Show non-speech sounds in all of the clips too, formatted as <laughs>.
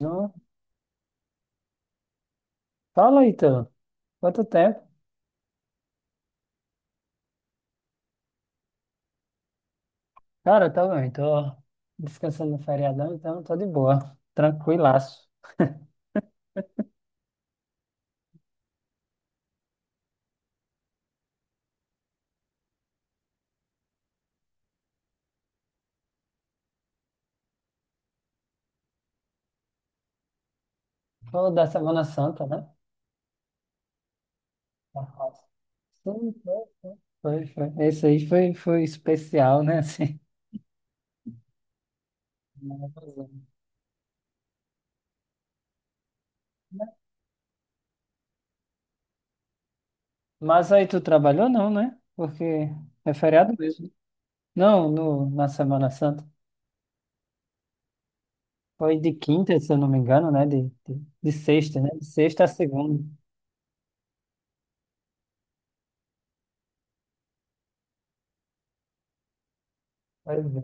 Não. Fala, Ítalo. Quanto tempo? Cara, tá bem, tô descansando no feriadão, então tô de boa, tranquilaço. Falou da Semana Santa, né? Da roça. Sim, foi, foi. Foi, foi. Esse aí foi, foi especial, né? <laughs> Assim. Maravilhoso. Mas aí tu trabalhou não, né? Porque é feriado mesmo. Não, no, na Semana Santa. Foi de quinta, se eu não me engano, né? De sexta, né? De sexta a segunda. Pois é.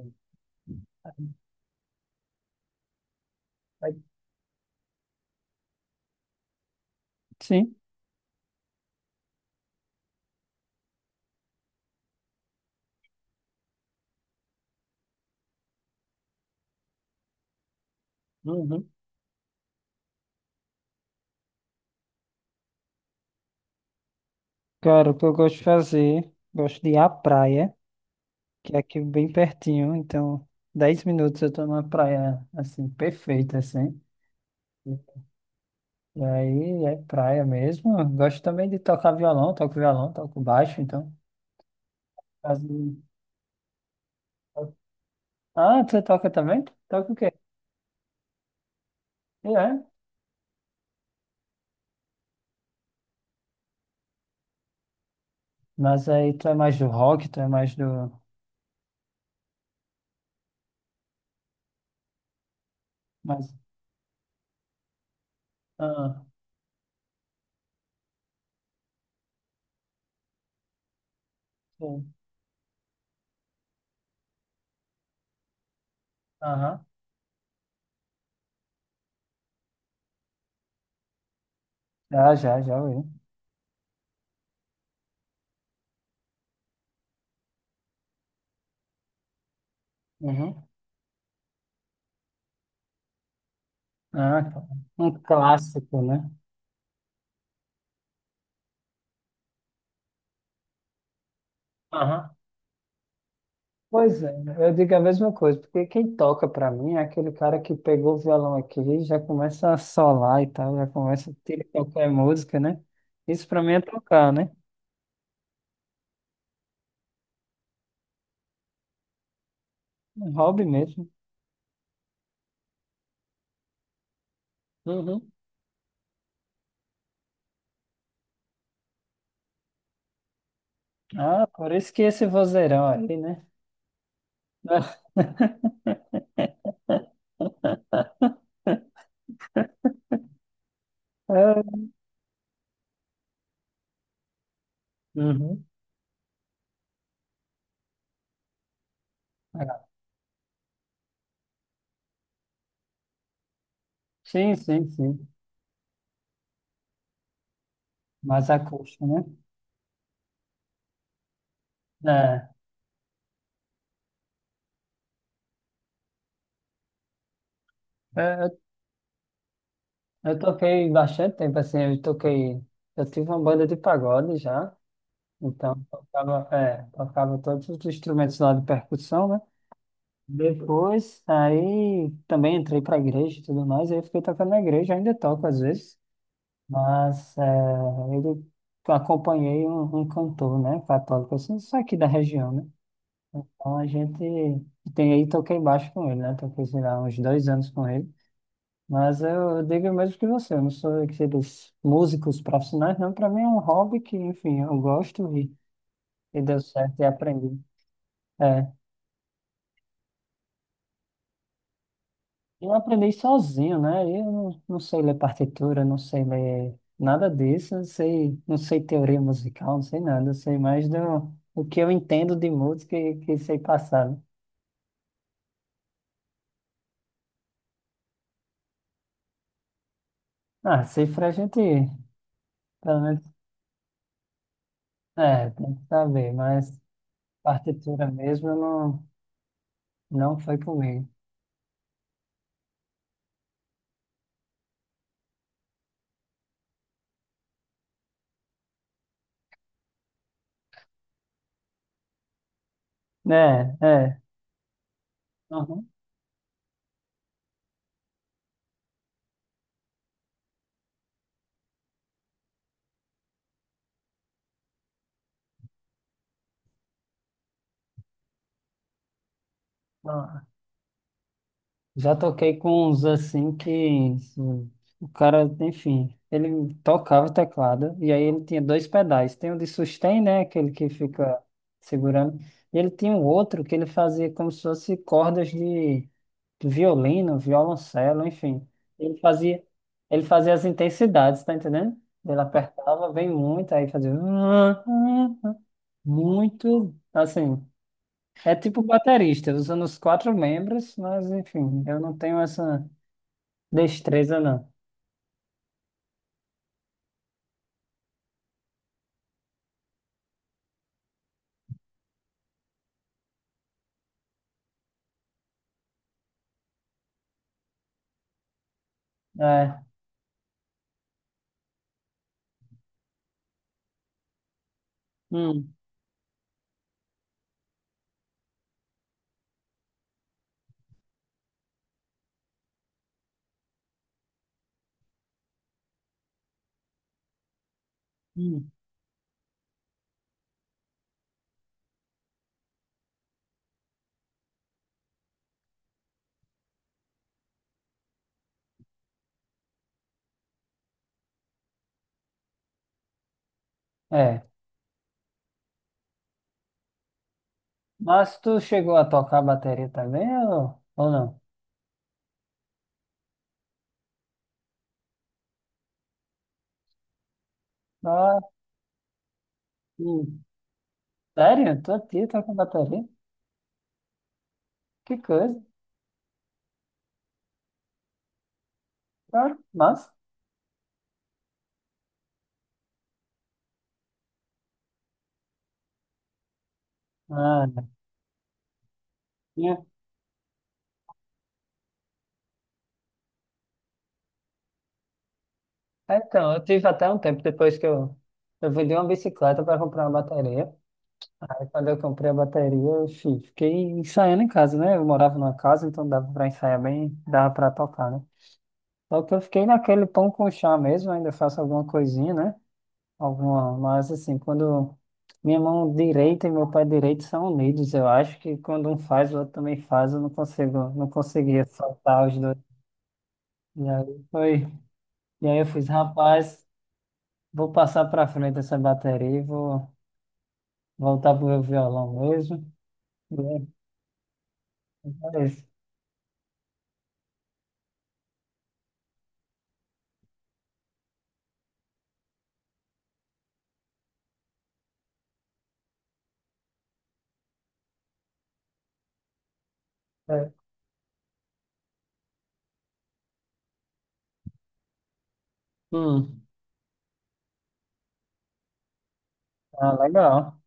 Foi- Sim. Uhum. Cara, o que eu gosto de fazer, gosto de ir à praia, que é aqui bem pertinho, então 10 minutos eu tô numa praia, assim, perfeita, assim. E aí é praia mesmo. Eu gosto também de tocar violão, toco baixo, então. Mas, Ah, você toca também? Toca o quê? É, mas aí tu é mais do rock, tu é mais do... Mais... Ah, sim. Aham. Já ouvi. Uhum. Ah, tá. Um clássico, né? Aham. Pois é, eu digo a mesma coisa, porque quem toca pra mim é aquele cara que pegou o violão aqui e já começa a solar e tal, já começa a tirar qualquer música, né? Isso pra mim é tocar, né? Um hobby mesmo. Uhum. Ah, por isso que esse vozeirão aí, né? <laughs> É. Uhum. Ah, sim, sim, sim. Mais acústico, né? É, eu, eu eu toquei bastante tempo, assim, eu toquei, eu tive uma banda de pagode já. Então, tocava todos os instrumentos lá de percussão, né? Depois, aí também entrei para a igreja e tudo mais, aí fiquei tocando na igreja, ainda toco às vezes, mas eu acompanhei um cantor, né, católico, assim, só aqui da região, né? Então a gente tem aí, toquei baixo com ele, né? Toquei, sei lá, uns 2 anos com ele. Mas eu digo o mesmo que você, eu não sou aqueles músicos profissionais, não. Para mim é um hobby que, enfim, eu gosto e deu certo e aprendi. É, eu aprendi sozinho, né? Eu não, não sei ler partitura, não sei ler nada disso, não sei, não sei teoria musical, não sei nada, eu sei mais do que eu entendo de música e que sei passar, né? Ah, cifra a gente, pelo menos, tem que saber, mas partitura mesmo eu não, não foi comigo. É, é. Uhum. Já toquei com uns assim que assim, o cara, enfim, ele tocava o teclado e aí ele tinha dois pedais. Tem o de sustain, né? Aquele que fica segurando. E ele tinha um outro que ele fazia como se fosse cordas de violino, violoncelo, enfim. Ele fazia, ele fazia as intensidades, tá entendendo? Ele apertava bem muito, aí fazia muito, assim. É tipo baterista, usando os quatro membros, mas enfim, eu não tenho essa. Destreza não. É. Hum, hum. É. Mas tu chegou a tocar bateria também ou não? Ah, hum. Sério? Tua tia toca bateria? Que coisa. Ah, mas. Ah, né? É, então, eu tive até um tempo depois que eu vendi uma bicicleta para comprar uma bateria. Aí quando eu comprei a bateria, eu fiquei ensaiando em casa, né? Eu morava numa casa, então dava para ensaiar bem, dava para tocar, né? Só que eu fiquei naquele pão com chá mesmo, ainda faço alguma coisinha, né? Alguma, mas assim, quando minha mão direita e meu pé direito são unidos, eu acho que quando um faz, o outro também faz, eu não consigo, não conseguia soltar os dois. E aí foi, e aí eu fiz, rapaz, vou passar para frente essa bateria e vou voltar pro meu violão mesmo. E é isso. É. Hum, ah, legal.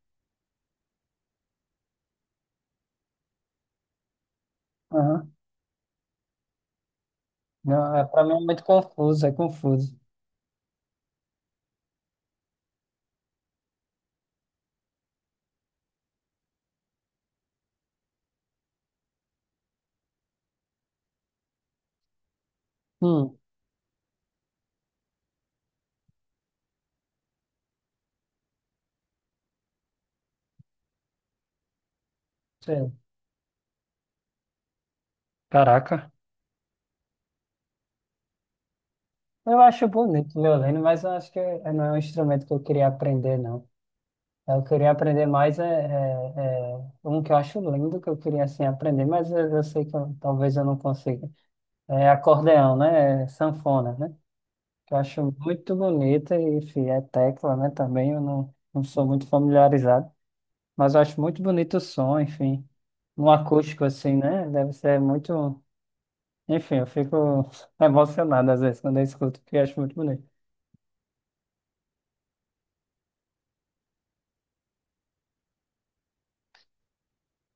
Uhum. Não, para mim é muito confuso, é confuso. Hum, sei. Caraca. Eu acho bonito o violino, mas eu acho que é- não é um instrumento que eu queria aprender, não. Eu queria aprender mais, um que eu acho lindo que eu queria assim, aprender, mas eu sei que talvez eu não consiga. É acordeão, né? É sanfona, né? Que eu acho muito bonita e, enfim, é tecla, né? Também eu não sou muito familiarizado, mas eu acho muito bonito o som, enfim. Um acústico assim, né? Deve ser muito. Enfim, eu fico <laughs> emocionado às vezes quando eu escuto, porque eu acho muito bonito.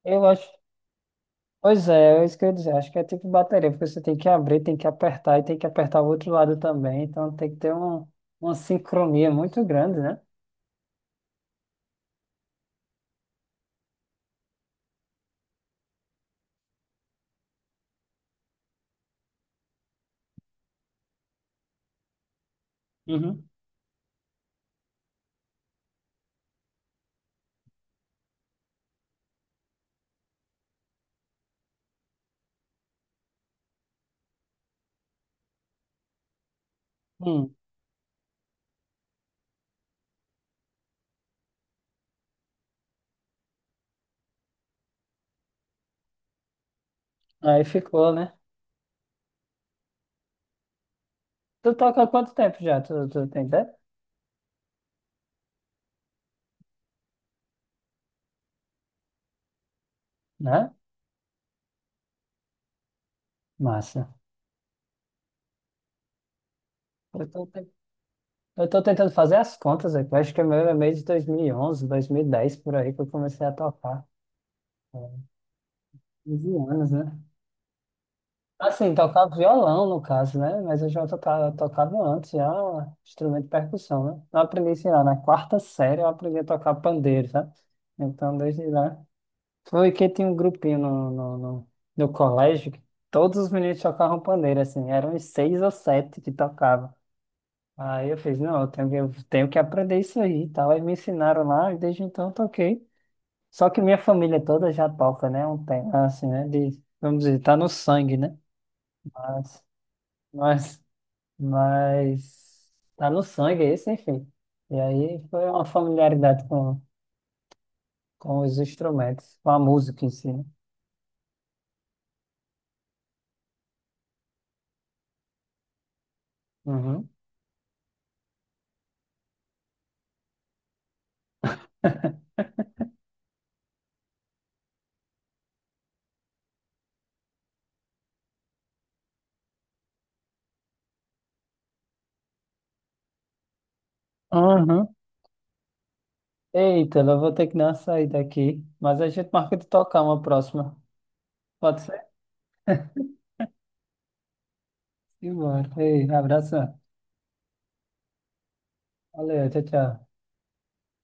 Eu acho. Pois é, é isso que eu ia dizer. Acho que é tipo bateria, porque você tem que abrir, tem que apertar e tem que apertar o outro lado também. Então tem que ter um, uma sincronia muito grande, né? Uhum. Hum, aí ficou, né? Tu toca há quanto tempo já? Tu tem ideia? Né? Massa. Eu tô, te- eu tô tentando fazer as contas aqui. Eu acho que o meu é meio de 2011, 2010, por aí que eu comecei a tocar. 15 anos, né? Assim, tocava violão, no caso, né? Mas eu já tocava antes, já instrumento de percussão, né? Eu aprendi, sei lá, na quarta série eu aprendi a tocar pandeiro, sabe? Então, desde lá. Foi que tinha um grupinho no colégio que todos os meninos tocavam pandeiro, assim. Eram uns seis ou sete que tocavam. Aí eu fiz, não, eu tenho que aprender isso aí e tal. Aí me ensinaram lá e desde então eu toquei. Só que minha família toda já toca, né? Um tempo, assim, né? De, vamos dizer, tá no sangue, né? Mas... Mas mas tá no sangue esse, enfim. E aí foi uma familiaridade com os instrumentos, com a música em si, né? Uhum. <laughs> Uhum. Eita, eu vou ter que dar uma saída aqui, mas a gente marca de tocar uma próxima. Pode ser? Embora. Ei, abraço. Valeu, tchau, tchau.